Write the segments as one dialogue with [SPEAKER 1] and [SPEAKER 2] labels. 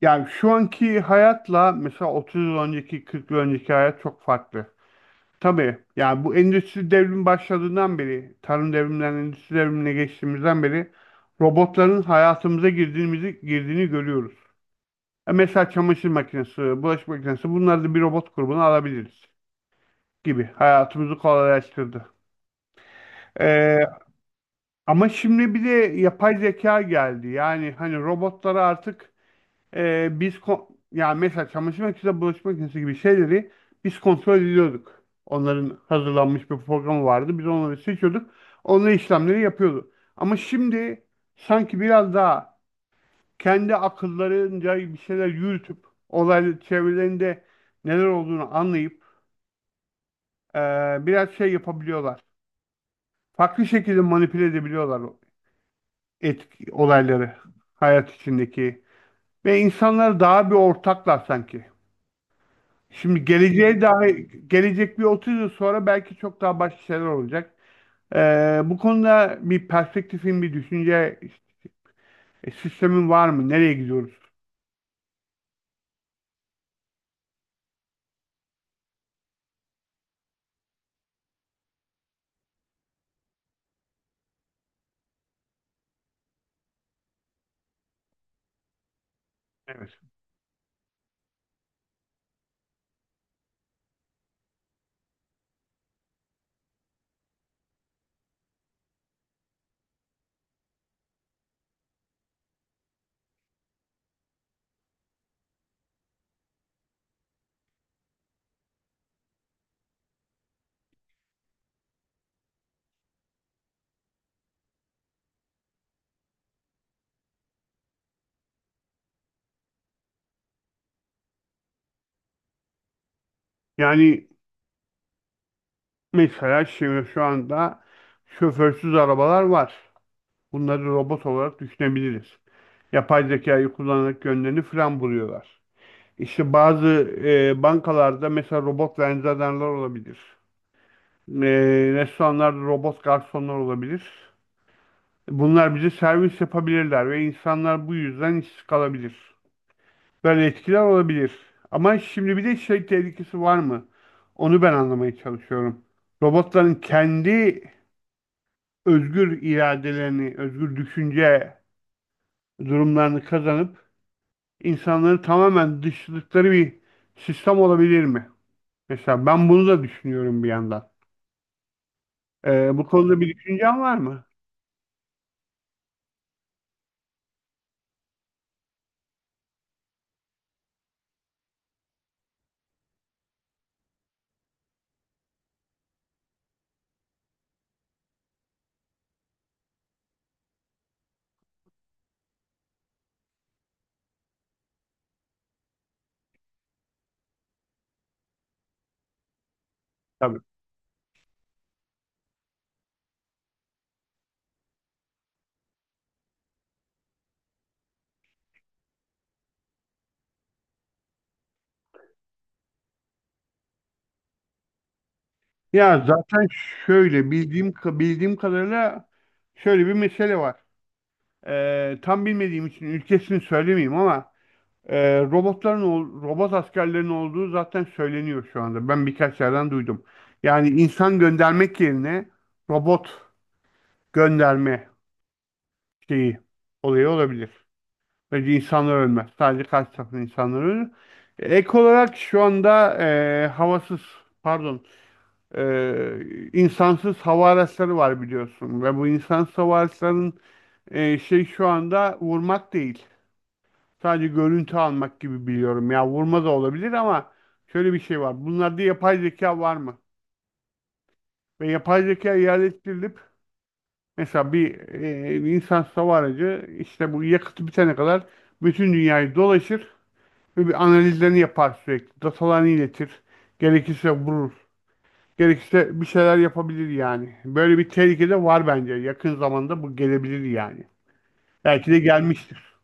[SPEAKER 1] Yani şu anki hayatla mesela 30 yıl önceki, 40 yıl önceki hayat çok farklı. Tabii yani bu endüstri devrimi başladığından beri, tarım devriminden endüstri devrimine geçtiğimizden beri robotların hayatımıza girdiğimizi, girdiğini görüyoruz. E mesela çamaşır makinesi, bulaşık makinesi bunları da bir robot grubuna alabiliriz gibi hayatımızı kolaylaştırdı. E, Ama şimdi bir de yapay zeka geldi. Yani hani robotlara artık yani mesela çamaşır makinesi, bulaşık makinesi gibi şeyleri biz kontrol ediyorduk. Onların hazırlanmış bir programı vardı. Biz onları seçiyorduk. Onunla işlemleri yapıyordu. Ama şimdi sanki biraz daha kendi akıllarınca bir şeyler yürütüp olaylı çevrelerinde neler olduğunu anlayıp e, biraz şey yapabiliyorlar. Farklı şekilde manipüle edebiliyorlar o etki, olayları hayat içindeki. Ve insanlar daha bir ortaklar sanki. Şimdi geleceğe dair, gelecek bir 30 yıl sonra belki çok daha başka şeyler olacak. Bu konuda bir perspektifin, bir düşünce sistemin var mı? Nereye gidiyoruz? Evet. Yani mesela şimdi şu anda şoförsüz arabalar var. Bunları robot olarak düşünebiliriz. Yapay zekayı kullanarak yönlerini fren buluyorlar. İşte bazı bankalarda mesela robot vernizyaderler olabilir. E, Restoranlarda robot garsonlar olabilir. Bunlar bize servis yapabilirler ve insanlar bu yüzden işsiz kalabilir. Böyle etkiler olabilir. Ama şimdi bir de şey tehlikesi var mı? Onu ben anlamaya çalışıyorum. Robotların kendi özgür iradelerini, özgür düşünce durumlarını kazanıp insanları tamamen dışladıkları bir sistem olabilir mi? Mesela ben bunu da düşünüyorum bir yandan. Bu konuda bir düşüncen var mı? Tabii. Ya zaten şöyle bildiğim kadarıyla şöyle bir mesele var. Tam bilmediğim için ülkesini söylemeyeyim ama robot askerlerin olduğu zaten söyleniyor şu anda. Ben birkaç yerden duydum. Yani insan göndermek yerine robot gönderme şeyi olayı olabilir. Böylece insanlar ölmez. Sadece karşı tarafın insanlar ölür. Ek olarak şu anda e, havasız pardon insansız hava araçları var biliyorsun ve bu insansız hava araçlarının şey şu anda vurmak değil. Sadece görüntü almak gibi biliyorum. Ya vurma da olabilir ama şöyle bir şey var. Bunlarda yapay zeka var mı? Ve yapay zeka yerleştirilip mesela bir insansız hava aracı işte bu yakıtı bitene kadar bütün dünyayı dolaşır ve bir analizlerini yapar sürekli. Datalarını iletir. Gerekirse vurur. Gerekirse bir şeyler yapabilir yani. Böyle bir tehlike de var bence. Yakın zamanda bu gelebilir yani. Belki de gelmiştir.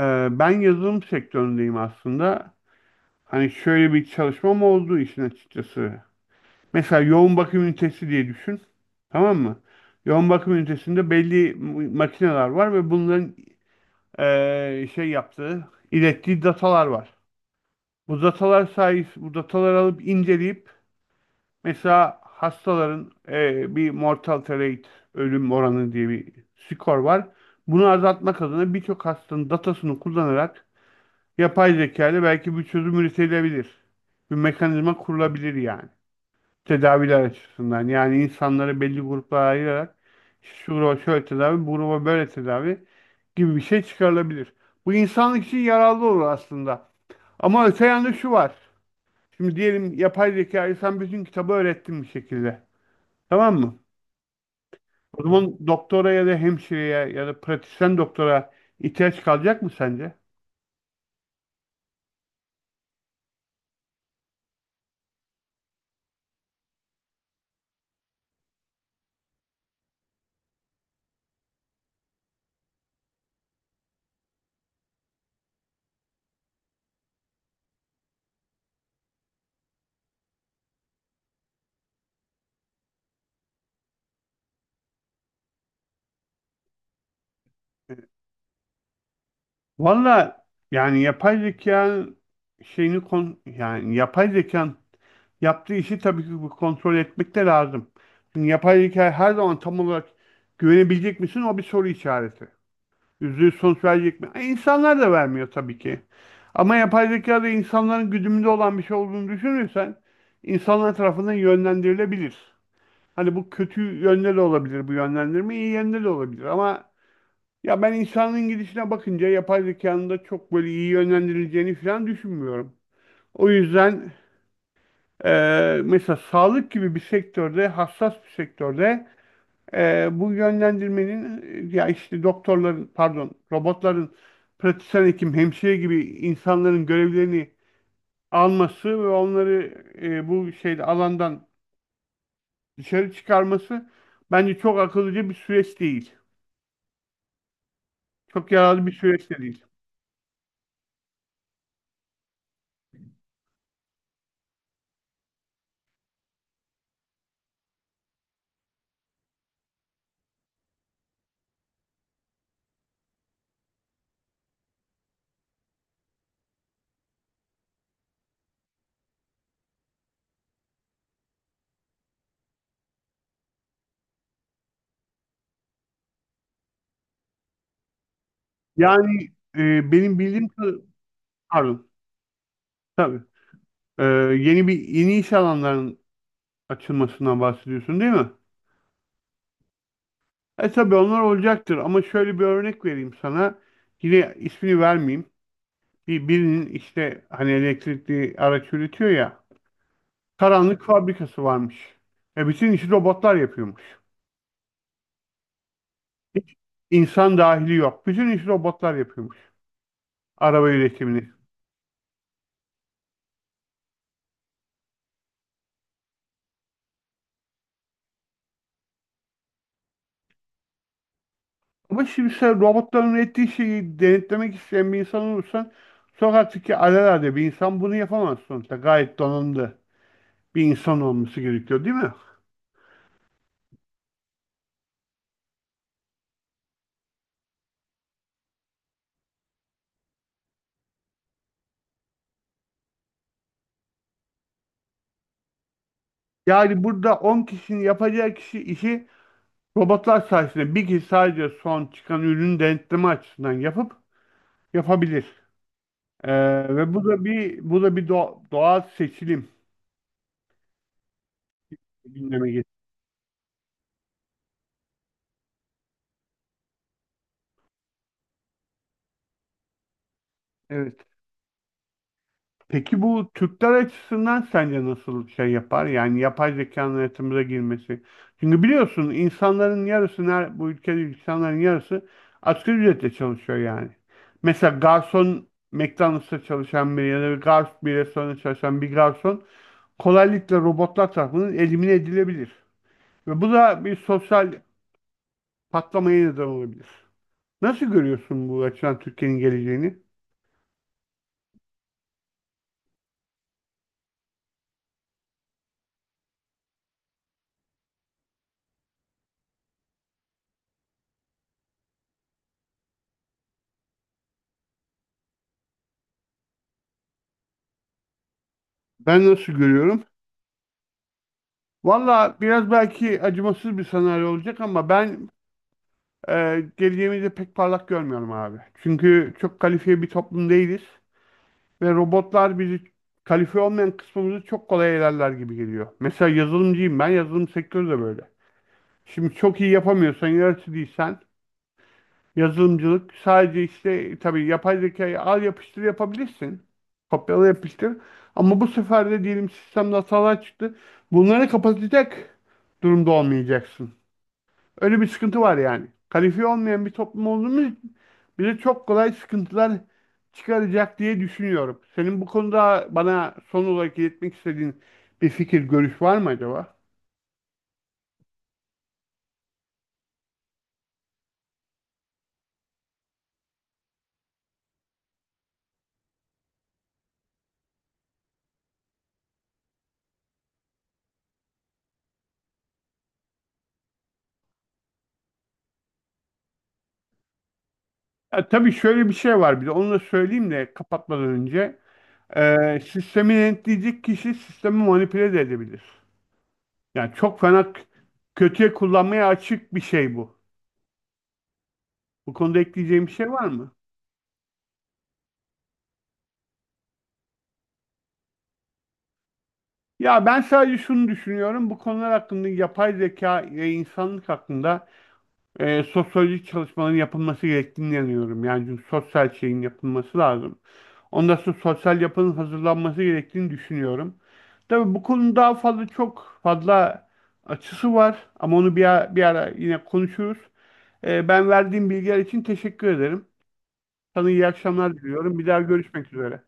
[SPEAKER 1] Ben yazılım sektöründeyim aslında. Hani şöyle bir çalışmam oldu işin açıkçası. Mesela yoğun bakım ünitesi diye düşün. Tamam mı? Yoğun bakım ünitesinde belli makineler var ve bunların şey yaptığı, ilettiği datalar var. Bu datalar sayesinde bu dataları alıp inceleyip mesela hastaların bir mortality rate, ölüm oranı diye bir skor var. Bunu azaltmak adına birçok hastanın datasını kullanarak yapay zeka ile belki bir çözüm üretilebilir. Bir mekanizma kurulabilir yani. Tedaviler açısından. Yani insanları belli gruplara ayırarak şu gruba şöyle tedavi, bu gruba böyle tedavi gibi bir şey çıkarılabilir. Bu insanlık için yararlı olur aslında. Ama öte yanda şu var. Şimdi diyelim yapay zekayı sen bütün kitabı öğrettin bir şekilde. Tamam mı? O zaman doktora ya da hemşireye ya da pratisyen doktora ihtiyaç kalacak mı sence? Valla yani yapay zeka şeyini kon yani yapay zekan yaptığı işi tabii ki bu kontrol etmek de lazım. Çünkü yapay zeka her zaman tam olarak güvenebilecek misin? O bir soru işareti. Yüzde yüz sonuç verecek mi? İnsanlar da vermiyor tabii ki. Ama yapay zekada insanların güdümünde olan bir şey olduğunu düşünürsen insanlar tarafından yönlendirilebilir. Hani bu kötü yönde de olabilir bu yönlendirme, iyi yönde de olabilir ama ya ben insanın gidişine bakınca yapay zekanın da çok böyle iyi yönlendirileceğini falan düşünmüyorum. O yüzden mesela sağlık gibi bir sektörde, hassas bir sektörde bu yönlendirmenin ya işte doktorların, pardon, robotların pratisyen hekim, hemşire gibi insanların görevlerini alması ve onları bu şeyde alandan dışarı çıkarması bence çok akıllıca bir süreç değil. Çok yararlı bir süreç de değil. Yani e, benim bildiğim kı- pardon tabii E, Yeni bir yeni iş alanlarının açılmasından bahsediyorsun değil mi? E tabii onlar olacaktır ama şöyle bir örnek vereyim sana. Yine ismini vermeyeyim. Bir, birinin işte hani elektrikli araç üretiyor ya karanlık fabrikası varmış. E bütün işi robotlar yapıyormuş. Hiç insan dahili yok. Bütün işi robotlar yapıyormuş. Araba üretimini. Ama şimdi sen robotların ettiği şeyi denetlemek isteyen bir insan olursan sokaktaki alelade bir insan bunu yapamaz sonuçta. Gayet donanımlı bir insan olması gerekiyor değil mi? Yani burada 10 kişinin yapacağı kişi işi robotlar sayesinde bir kişi sadece son çıkan ürünü denetleme açısından yapıp yapabilir. Ve bu da bir doğal seçilim gündeme getir. Evet. Peki bu Türkler açısından sence nasıl şey yapar? Yani yapay zekanın hayatımıza girmesi. Çünkü biliyorsun bu ülkede insanların yarısı asgari ücretle çalışıyor yani. Mesela garson McDonald's'ta çalışan biri ya da bir garson bir restoranda çalışan bir garson kolaylıkla robotlar tarafından elimine edilebilir. Ve bu da bir sosyal patlamaya neden olabilir. Nasıl görüyorsun bu açıdan Türkiye'nin geleceğini? Ben nasıl görüyorum? Valla biraz belki acımasız bir senaryo olacak ama ben geleceğimizi pek parlak görmüyorum abi. Çünkü çok kalifiye bir toplum değiliz ve robotlar bizi kalifiye olmayan kısmımızı çok kolay elerler gibi geliyor. Mesela yazılımcıyım ben, yazılım sektörü de böyle. Şimdi çok iyi yapamıyorsan, yaratıcı değilsen yazılımcılık sadece işte tabii yapay zekayı al yapıştır yapabilirsin. Kopyala yapıştır. Ama bu sefer de diyelim sistemde hatalar çıktı. Bunları kapatacak durumda olmayacaksın. Öyle bir sıkıntı var yani. Kalifiye olmayan bir toplum olduğumuz için bize çok kolay sıkıntılar çıkaracak diye düşünüyorum. Senin bu konuda bana son olarak iletmek istediğin bir fikir, görüş var mı acaba? Ya, tabii şöyle bir şey var bir de onu da söyleyeyim de kapatmadan önce. Sistemi denetleyecek kişi sistemi manipüle de edebilir. Yani çok fena k- Kötüye kullanmaya açık bir şey bu. Bu konuda ekleyeceğim bir şey var mı? Ya ben sadece şunu düşünüyorum. Bu konular hakkında yapay zeka ve insanlık hakkında sosyolojik çalışmaların yapılması gerektiğini inanıyorum. Yani çünkü sosyal şeyin yapılması lazım. Ondan sonra sosyal yapının hazırlanması gerektiğini düşünüyorum. Tabii bu konunun daha fazla çok fazla açısı var ama onu bir ara yine konuşuruz. Ben verdiğim bilgiler için teşekkür ederim. Sana iyi akşamlar diliyorum. Bir daha görüşmek üzere.